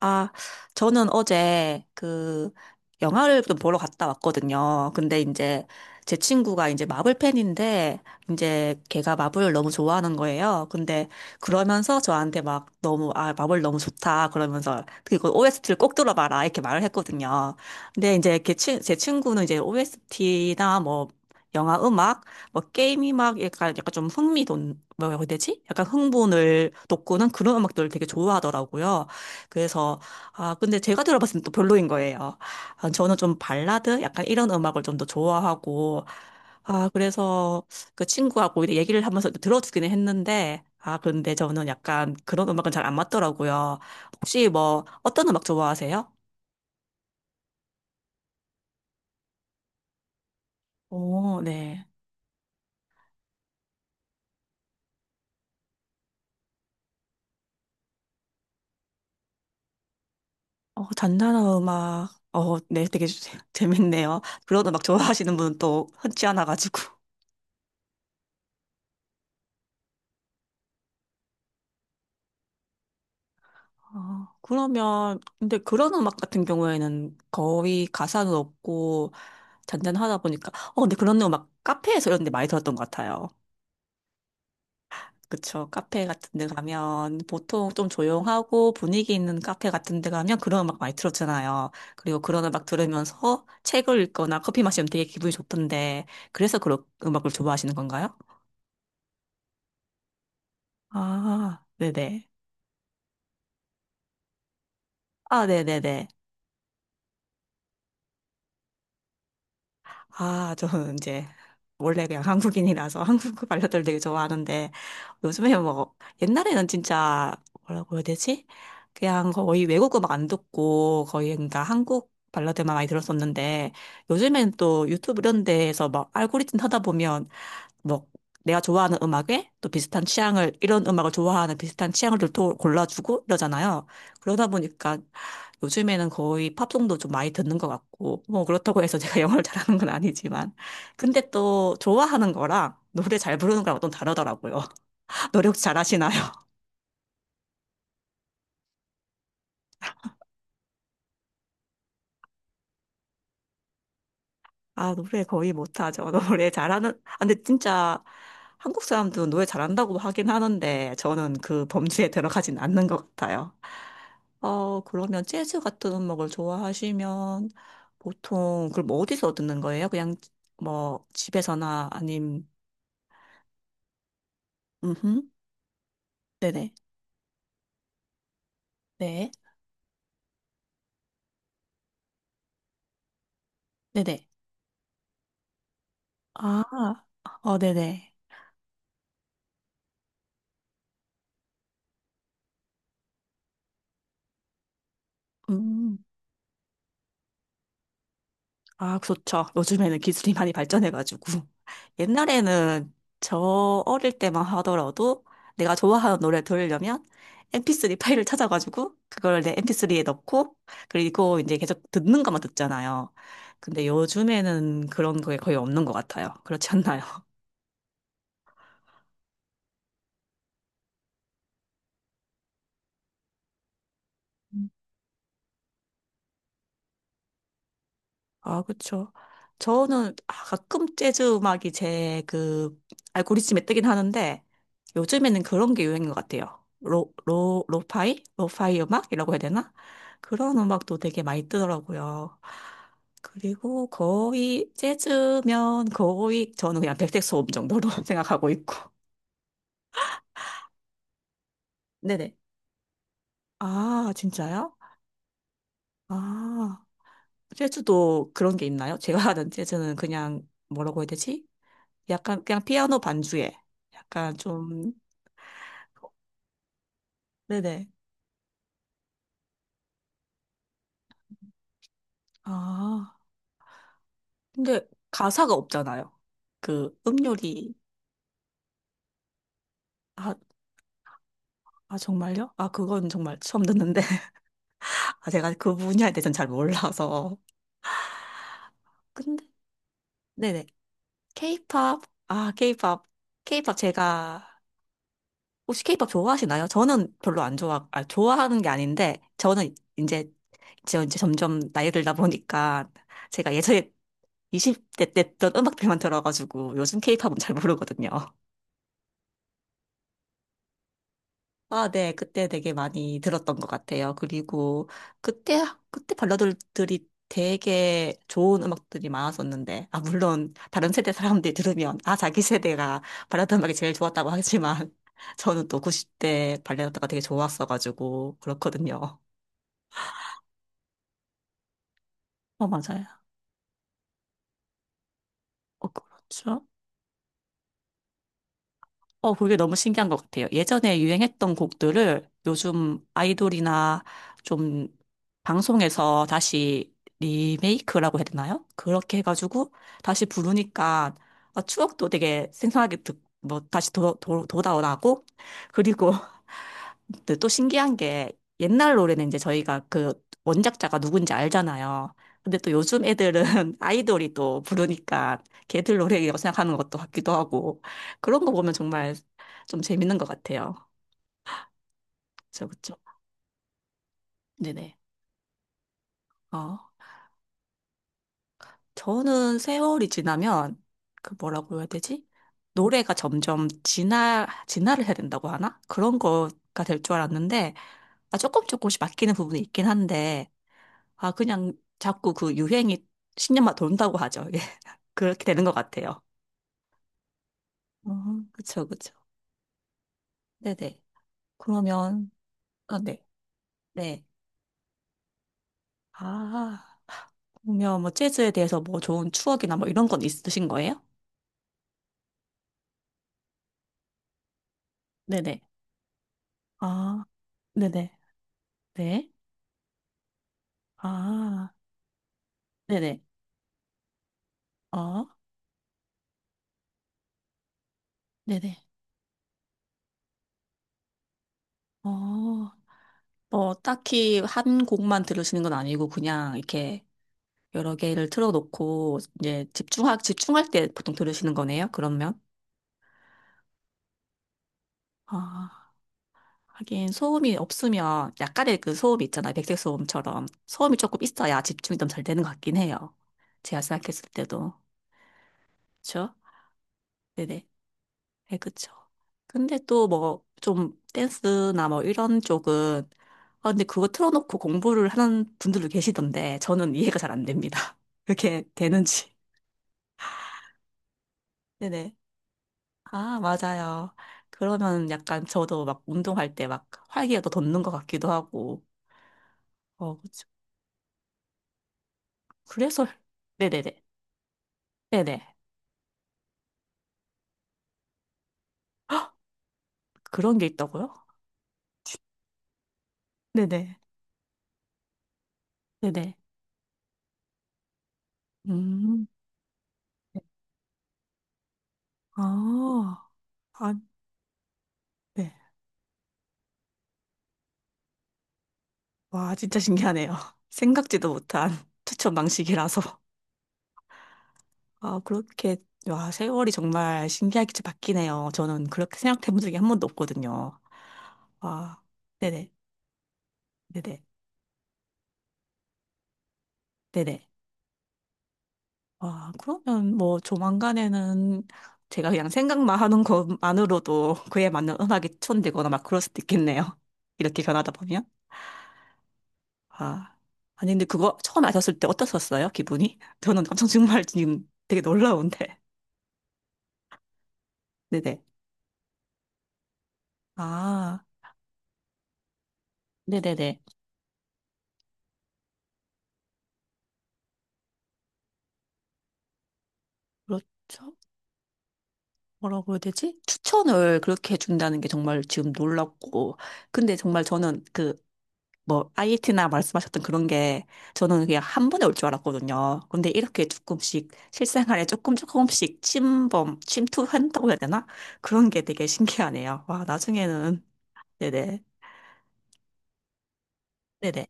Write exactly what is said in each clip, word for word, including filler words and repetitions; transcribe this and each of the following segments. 아, 저는 어제 그 영화를 좀 보러 갔다 왔거든요. 근데 이제 제 친구가 이제 마블 팬인데 이제 걔가 마블을 너무 좋아하는 거예요. 근데 그러면서 저한테 막 너무 아, 마블 너무 좋다 그러면서 그리고 오에스티를 꼭 들어봐라 이렇게 말을 했거든요. 근데 이제 걔 친, 제 친구는 이제 오에스티나 뭐 영화 음악, 뭐 게임이 막 약간 약간 좀 흥미돈 뭐라고 해야 되지? 약간 흥분을 돋구는 그런 음악들을 되게 좋아하더라고요. 그래서 아 근데 제가 들어봤을 때 또 별로인 거예요. 아, 저는 좀 발라드 약간 이런 음악을 좀 더 좋아하고 아 그래서 그 친구하고 이렇게 얘기를 하면서 들어주기는 했는데 아 근데 저는 약간 그런 음악은 잘 안 맞더라고요. 혹시 뭐 어떤 음악 좋아하세요? 오, 네. 어, 잔잔한 음악. 어, 네, 되게 재- 재밌네요. 그런 음악 좋아하시는 분은 또 흔치 않아가지고. 어, 그러면, 근데 그런 음악 같은 경우에는 거의 가사는 없고, 잔잔하다 보니까 어 근데 그런 거막 카페에서 이런 데 많이 들었던 것 같아요. 그쵸. 카페 같은 데 가면 보통 좀 조용하고 분위기 있는 카페 같은 데 가면 그런 음악 많이 들었잖아요. 그리고 그런 음악 들으면서 책을 읽거나 커피 마시면 되게 기분이 좋던데 그래서 그런 음악을 좋아하시는 건가요? 아, 네네. 아, 네네네. 아, 저는 이제 원래 그냥 한국인이라서 한국 발라드를 되게 좋아하는데 요즘에 뭐 옛날에는 진짜 뭐라고 해야 되지? 그냥 거의 외국 음악 안 듣고 거의 그러니까 한국 발라드만 많이 들었었는데 요즘엔 또 유튜브 이런 데에서 막 알고리즘 하다 보면 뭐 내가 좋아하는 음악에 또 비슷한 취향을 이런 음악을 좋아하는 비슷한 취향을 또 골라주고 이러잖아요. 그러다 보니까 요즘에는 거의 팝송도 좀 많이 듣는 것 같고 뭐 그렇다고 해서 제가 영어를 잘하는 건 아니지만 근데 또 좋아하는 거랑 노래 잘 부르는 거랑 좀 다르더라고요. 노래 혹시 잘하시나요? 아 노래 거의 못하죠. 노래 잘하는 아, 근데 진짜 한국 사람들은 노래 잘한다고 하긴 하는데 저는 그 범주에 들어가진 않는 것 같아요. 어, 그러면 재즈 같은 음악을 좋아하시면 보통 그럼 뭐 어디서 듣는 거예요? 그냥 뭐 집에서나 아님 음 네네. 네. 네네. 아, 어 네네. 음. 아, 그렇죠. 요즘에는 기술이 많이 발전해가지고. 옛날에는 저 어릴 때만 하더라도 내가 좋아하는 노래 들으려면 엠피쓰리 파일을 찾아가지고 그걸 내 엠피쓰리에 넣고 그리고 이제 계속 듣는 것만 듣잖아요. 근데 요즘에는 그런 게 거의 없는 것 같아요. 그렇지 않나요? 아, 그쵸. 저는 아, 가끔 재즈 음악이 제 그 알고리즘에 뜨긴 하는데 요즘에는 그런 게 유행인 것 같아요. 로, 로, 로파이? 로파이 음악이라고 해야 되나? 그런 음악도 되게 많이 뜨더라고요. 그리고 거의 재즈면 거의 저는 그냥 백색 소음 정도로 생각하고 있고. 네네. 아, 진짜요? 아, 재즈도 그런 게 있나요? 제가 아는 재즈는 그냥 뭐라고 해야 되지? 약간 그냥 피아노 반주에 약간 좀 네네. 아 근데 가사가 없잖아요. 그 음요리 아, 아 정말요? 아 그건 정말 처음 듣는데 아 제가 그 분야에 대해서는 잘 몰라서 근데 네네 케이팝 아 케이팝 케이팝 제가 혹시 케이팝 좋아하시나요? 저는 별로 안 좋아, 아, 좋아하는 게 아닌데, 저는 이제, 저 이제 점점 나이 들다 보니까, 제가 예전에 이십 대 때 했던 음악들만 들어가지고, 요즘 케이팝은 잘 모르거든요. 아, 네. 그때 되게 많이 들었던 것 같아요. 그리고 그때, 그때 발라드들이 되게 좋은 음악들이 많았었는데, 아, 물론 다른 세대 사람들이 들으면, 아, 자기 세대가 발라드 음악이 제일 좋았다고 하지만, 저는 또 구십 대 발라드가 되게 좋았어가지고, 그렇거든요. 어, 맞아요. 어, 그렇죠. 어, 그게 너무 신기한 것 같아요. 예전에 유행했던 곡들을 요즘 아이돌이나 좀 방송에서 다시 리메이크라고 해야 되나요? 그렇게 해가지고 다시 부르니까 아, 추억도 되게 생생하게 듣, 뭐 다시 도, 도, 돌아오고 그리고 근데 또 신기한 게 옛날 노래는 이제 저희가 그 원작자가 누군지 알잖아요. 근데 또 요즘 애들은 아이돌이 또 부르니까 걔들 노래라고 생각하는 것도 같기도 하고 그런 거 보면 정말 좀 재밌는 것 같아요. 그 그렇죠. 네네. 어, 저는 세월이 지나면 그 뭐라고 해야 되지? 노래가 점점 진화, 진화를 해야 된다고 하나? 그런 거가 될 줄 알았는데 아, 조금 조금씩 바뀌는 부분이 있긴 한데 아, 그냥 자꾸 그 유행이 십 년만 돈다고 하죠. 예. 그렇게 되는 것 같아요. 어, 그쵸, 그쵸. 네네. 그러면, 아, 네. 네. 아, 그러면 뭐 재즈에 대해서 뭐 좋은 추억이나 뭐 이런 건 있으신 거예요? 네네. 아, 네네. 네. 아, 네네. 어, 네네. 어, 뭐 딱히 한 곡만 들으시는 건 아니고 그냥 이렇게 여러 개를 틀어놓고 이제 집중하, 집중할 때 보통 들으시는 거네요, 그러면? 아, 하긴 소음이 없으면 약간의 그 소음이 있잖아요. 백색 소음처럼 소음이 조금 있어야 집중이 좀 잘 되는 것 같긴 해요. 제가 생각했을 때도. 그쵸? 네네. 네, 그쵸. 근데 또 뭐 좀 댄스나 뭐 이런 쪽은 아, 근데 그거 틀어놓고 공부를 하는 분들도 계시던데 저는 이해가 잘 안 됩니다. 그렇게 되는지. 네네. 아, 맞아요. 그러면 약간 저도 막 운동할 때 막 활기가 더 돋는 것 같기도 하고. 어, 그쵸. 그래서 네네네. 네네. 그런 게 있다고요? 네네. 네네. 음. 네. 아, 아, 네. 와, 진짜 신기하네요. 생각지도 못한 추천 방식이라서. 아, 그렇게, 와, 세월이 정말 신기하게 바뀌네요. 저는 그렇게 생각해 본 적이 한 번도 없거든요. 와, 네네. 네네. 네네. 와, 그러면 뭐 조만간에는 제가 그냥 생각만 하는 것만으로도 그에 맞는 음악이 추천되거나 막 그럴 수도 있겠네요. 이렇게 변하다 보면. 아, 아니, 근데 그거 처음 아셨을 때 어떠셨어요? 기분이? 저는 엄청 정말 지금 되게 놀라운데. 네네. 아, 네네네. 그렇죠. 뭐라고 해야 되지? 추천을 그렇게 해준다는 게 정말 지금 놀랍고. 근데 정말 저는 그, 뭐, 아이이티나 말씀하셨던 그런 게 저는 그냥 한 번에 올 줄 알았거든요. 근데 이렇게 조금씩 실생활에 조금 조금씩 침범, 침투한다고 해야 되나? 그런 게 되게 신기하네요. 와, 나중에는. 네네. 네네.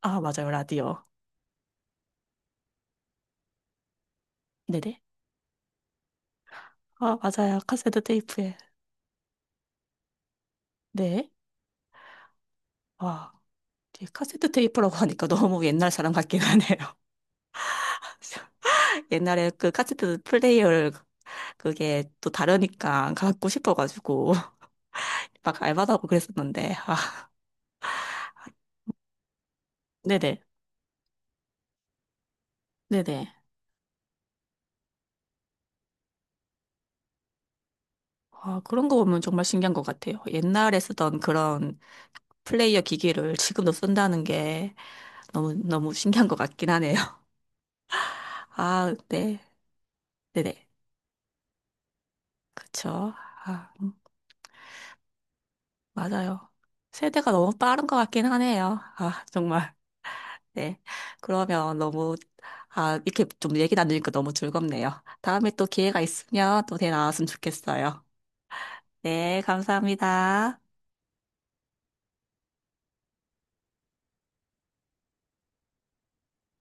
아, 맞아요. 라디오. 네네. 아, 맞아요. 카세트 테이프에. 네. 와, 이제 카세트 테이프라고 하니까 너무 옛날 사람 같긴 하네요. 옛날에 그 카세트 플레이어를 그게 또 다르니까 갖고 싶어가지고 막 알바하고 그랬었는데. 아, 네네. 네네. 아, 그런 거 보면 정말 신기한 것 같아요. 옛날에 쓰던 그런 플레이어 기기를 지금도 쓴다는 게 너무, 너무 신기한 것 같긴 하네요. 아, 네. 네네. 그쵸. 아. 음. 맞아요. 세대가 너무 빠른 것 같긴 하네요. 아, 정말. 네. 그러면 너무, 아, 이렇게 좀 얘기 나누니까 너무 즐겁네요. 다음에 또 기회가 있으면 또 대 나왔으면 좋겠어요. 네, 감사합니다.